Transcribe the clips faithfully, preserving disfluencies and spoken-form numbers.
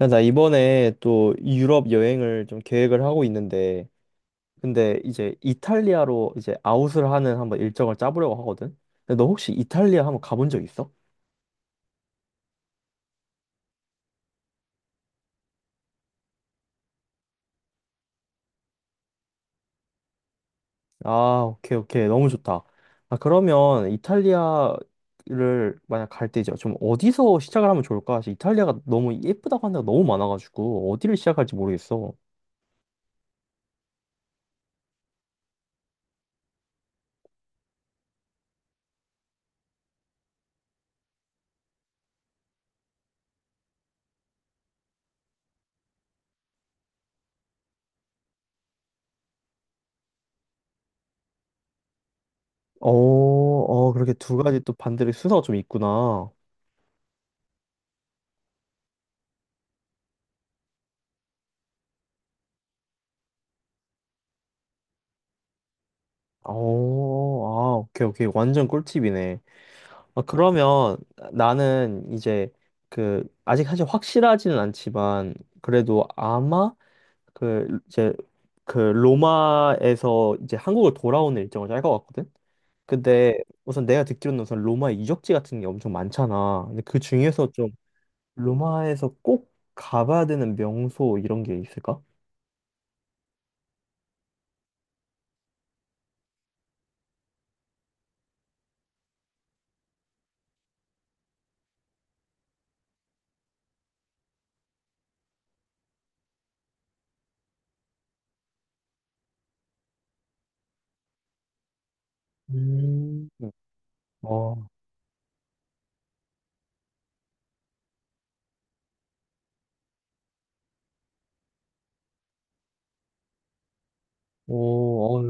야, 나 이번에 또 유럽 여행을 좀 계획을 하고 있는데, 근데 이제 이탈리아로 이제 아웃을 하는 한번 일정을 짜보려고 하거든? 근데 너 혹시 이탈리아 한번 가본 적 있어? 아, 오케이, 오케이. 너무 좋다. 아, 그러면 이탈리아를 만약 갈 때 이제 좀 어디서 시작을 하면 좋을까? 사실 이탈리아가 너무 예쁘다고 하는 데가 너무 많아가지고, 어디를 시작할지 모르겠어. 어, 어, 그렇게 두 가지 또 반대로 순서가 좀 있구나. 어, 아, 오케이, 오케이. 완전 꿀팁이네. 아, 그러면 나는 이제 그 아직 사실 확실하지는 않지만 그래도 아마 그 이제 그 로마에서 이제 한국을 돌아오는 일정을 짤 것 같거든. 근데 우선 내가 듣기로는 우선 로마의 유적지 같은 게 엄청 많잖아. 근데 그 중에서 좀 로마에서 꼭 가봐야 되는 명소 이런 게 있을까? 음, 응. 어, 오,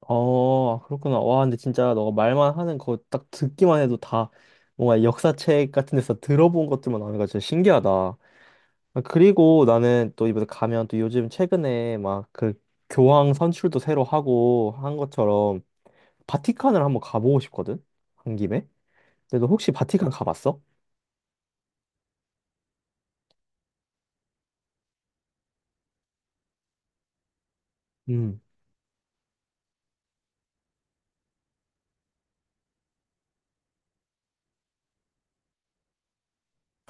어, 그렇구나. 와, 근데 진짜 너가 말만 하는 거 딱 듣기만 해도 다 뭔가 역사책 같은 데서 들어본 것들만 나오니까 진짜 신기하다. 아, 그리고 나는 또 이번에 가면 또 요즘 최근에 막 그 교황 선출도 새로 하고 한 것처럼 바티칸을 한번 가보고 싶거든? 한 김에? 근데 너 혹시 바티칸 가봤어? 음.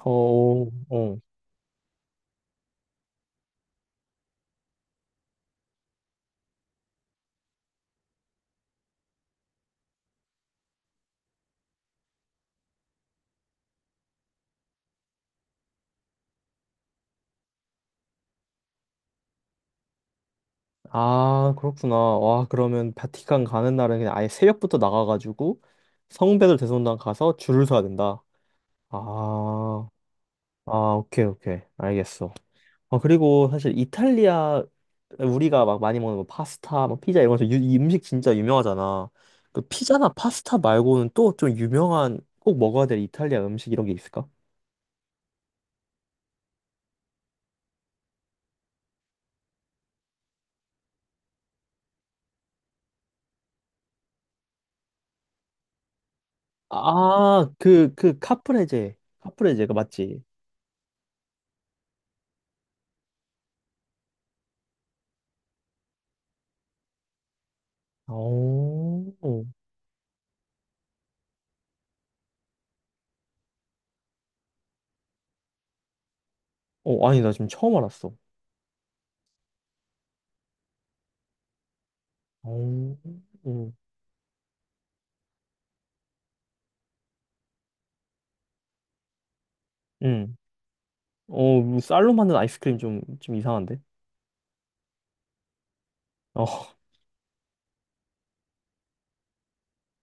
어, 어. 아, 그렇구나. 와, 그러면 바티칸 가는 날은 그냥 아예 새벽부터 나가가지고 성베드로 대성당 가서 줄을 서야 된다. 아, 아, 오케이, 오케이. 알겠어. 어, 그리고 사실 이탈리아, 우리가 막 많이 먹는 거 파스타, 뭐 피자 이런 거, 유, 이 음식 진짜 유명하잖아. 그 피자나 파스타 말고는 또 좀 유명한, 꼭 먹어야 될 이탈리아 음식 이런 게 있을까? 아, 그, 그, 카프레제. 카프레제, 그 맞지? 오, 어, 아니, 나 지금 처음 알았어. 오, 응. 어, 쌀로 만든 아이스크림 좀, 좀 이상한데? 어,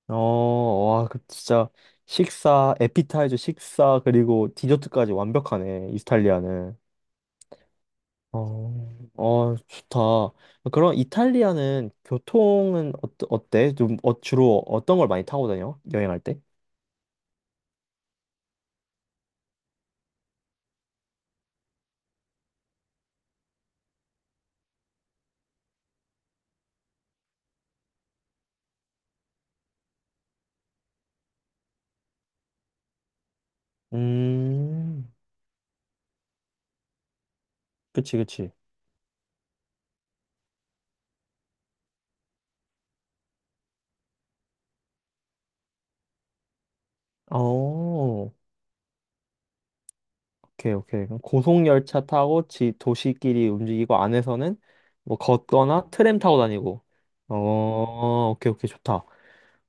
어, 와, 그 진짜 식사, 에피타이저 식사, 그리고 디저트까지 완벽하네, 이탈리아는. 어, 어, 좋다. 그럼 이탈리아는 교통은 어, 어때? 좀 어, 주로 어떤 걸 많이 타고 다녀? 여행할 때? 음, 그치, 그치. 어, 오케이, 오케이. 그럼 고속열차 타고 지, 도시끼리 움직이고 안에서는 뭐 걷거나 트램 타고 다니고. 어, 오케이, 오케이, 좋다.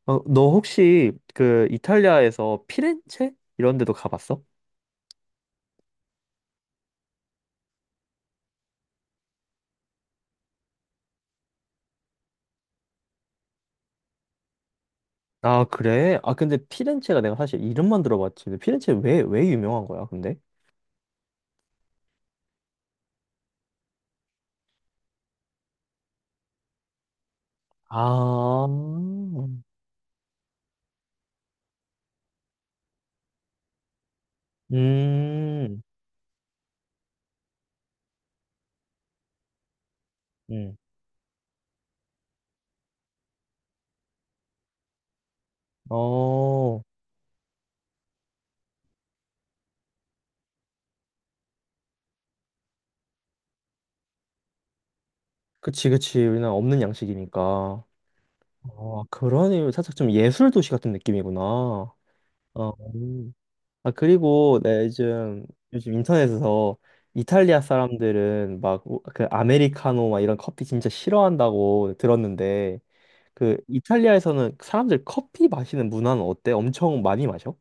어, 너 혹시 그 이탈리아에서 피렌체 이런 데도 가봤어? 아, 그래? 아, 근데 피렌체가 내가 사실 이름만 들어봤지. 근데 피렌체 왜, 왜 유명한 거야, 근데? 아, 음, 음, 어, 그치, 그치. 우리는 없는 양식이니까. 어, 그러니 살짝 좀 예술 도시 같은 느낌이구나. 어, 아, 그리고 내 요즘, 요즘 인터넷에서 이탈리아 사람들은 막 그 아메리카노 막 이런 커피 진짜 싫어한다고 들었는데 그 이탈리아에서는 사람들 커피 마시는 문화는 어때? 엄청 많이 마셔?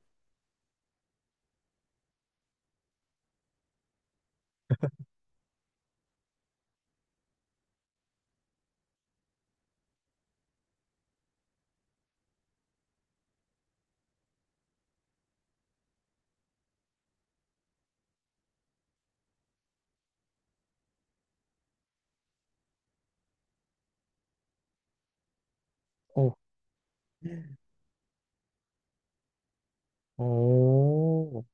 어, 오,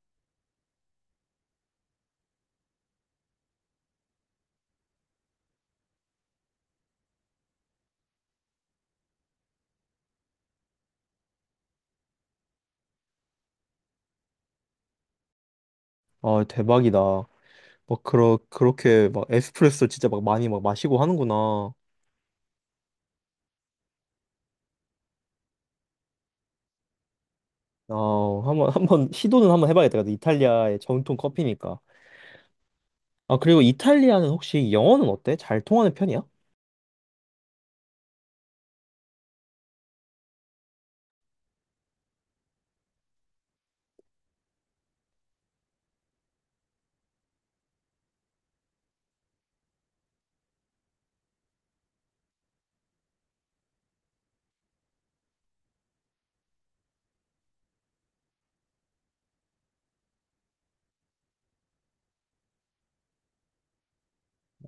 아, 대박이다. 막 그러, 그렇게 막 에스프레소 진짜 막 많이 막 마시고 하는구나. 아, 한번 한번 시도는 한번 해봐야겠다. 이탈리아의 전통 커피니까. 아, 그리고 이탈리아는 혹시 영어는 어때? 잘 통하는 편이야?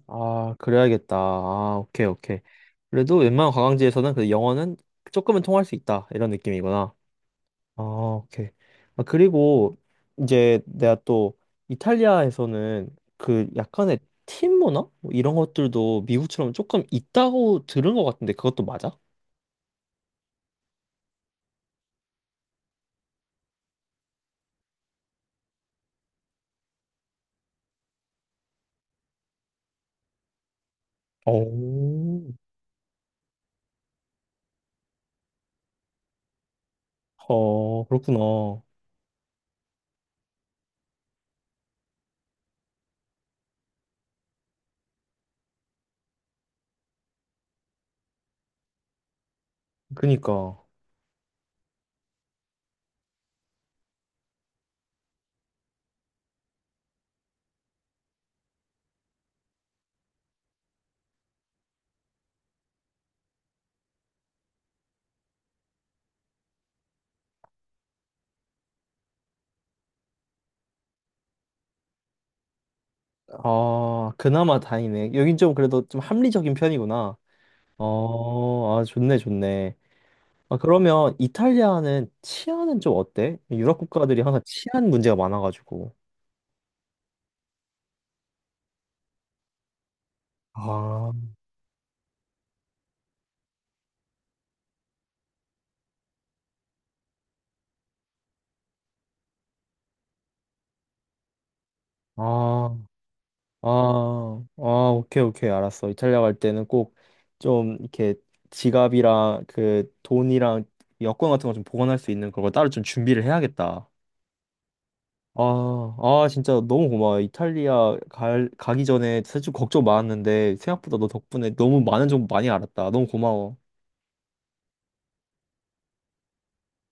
아, 그래야겠다. 아, 오케이, 오케이. 그래도 웬만한 관광지에서는 그 영어는 조금은 통할 수 있다. 이런 느낌이구나. 아, 오케이. 아, 그리고 이제 내가 또 이탈리아에서는 그 약간의 팀 문화? 뭐 이런 것들도 미국처럼 조금 있다고 들은 것 같은데 그것도 맞아? 오, 어, 그렇구나. 그니까. 아, 그나마 다행이네. 여긴 좀 그래도 좀 합리적인 편이구나. 어, 아, 좋네, 좋네. 아, 그러면 이탈리아는 치안은 좀 어때? 유럽 국가들이 항상 치안 문제가 많아가지고. 아, 아, 아, 아, 오케이, 오케이, 알았어. 이탈리아 갈 때는 꼭 좀 이렇게 지갑이랑 그 돈이랑 여권 같은 거 좀 보관할 수 있는 그걸 따로 좀 준비를 해야겠다. 아, 아, 진짜 너무 고마워. 이탈리아 갈, 가기 전에 사실 좀 걱정 많았는데 생각보다 너 덕분에 너무 많은 정보 많이 알았다. 너무 고마워.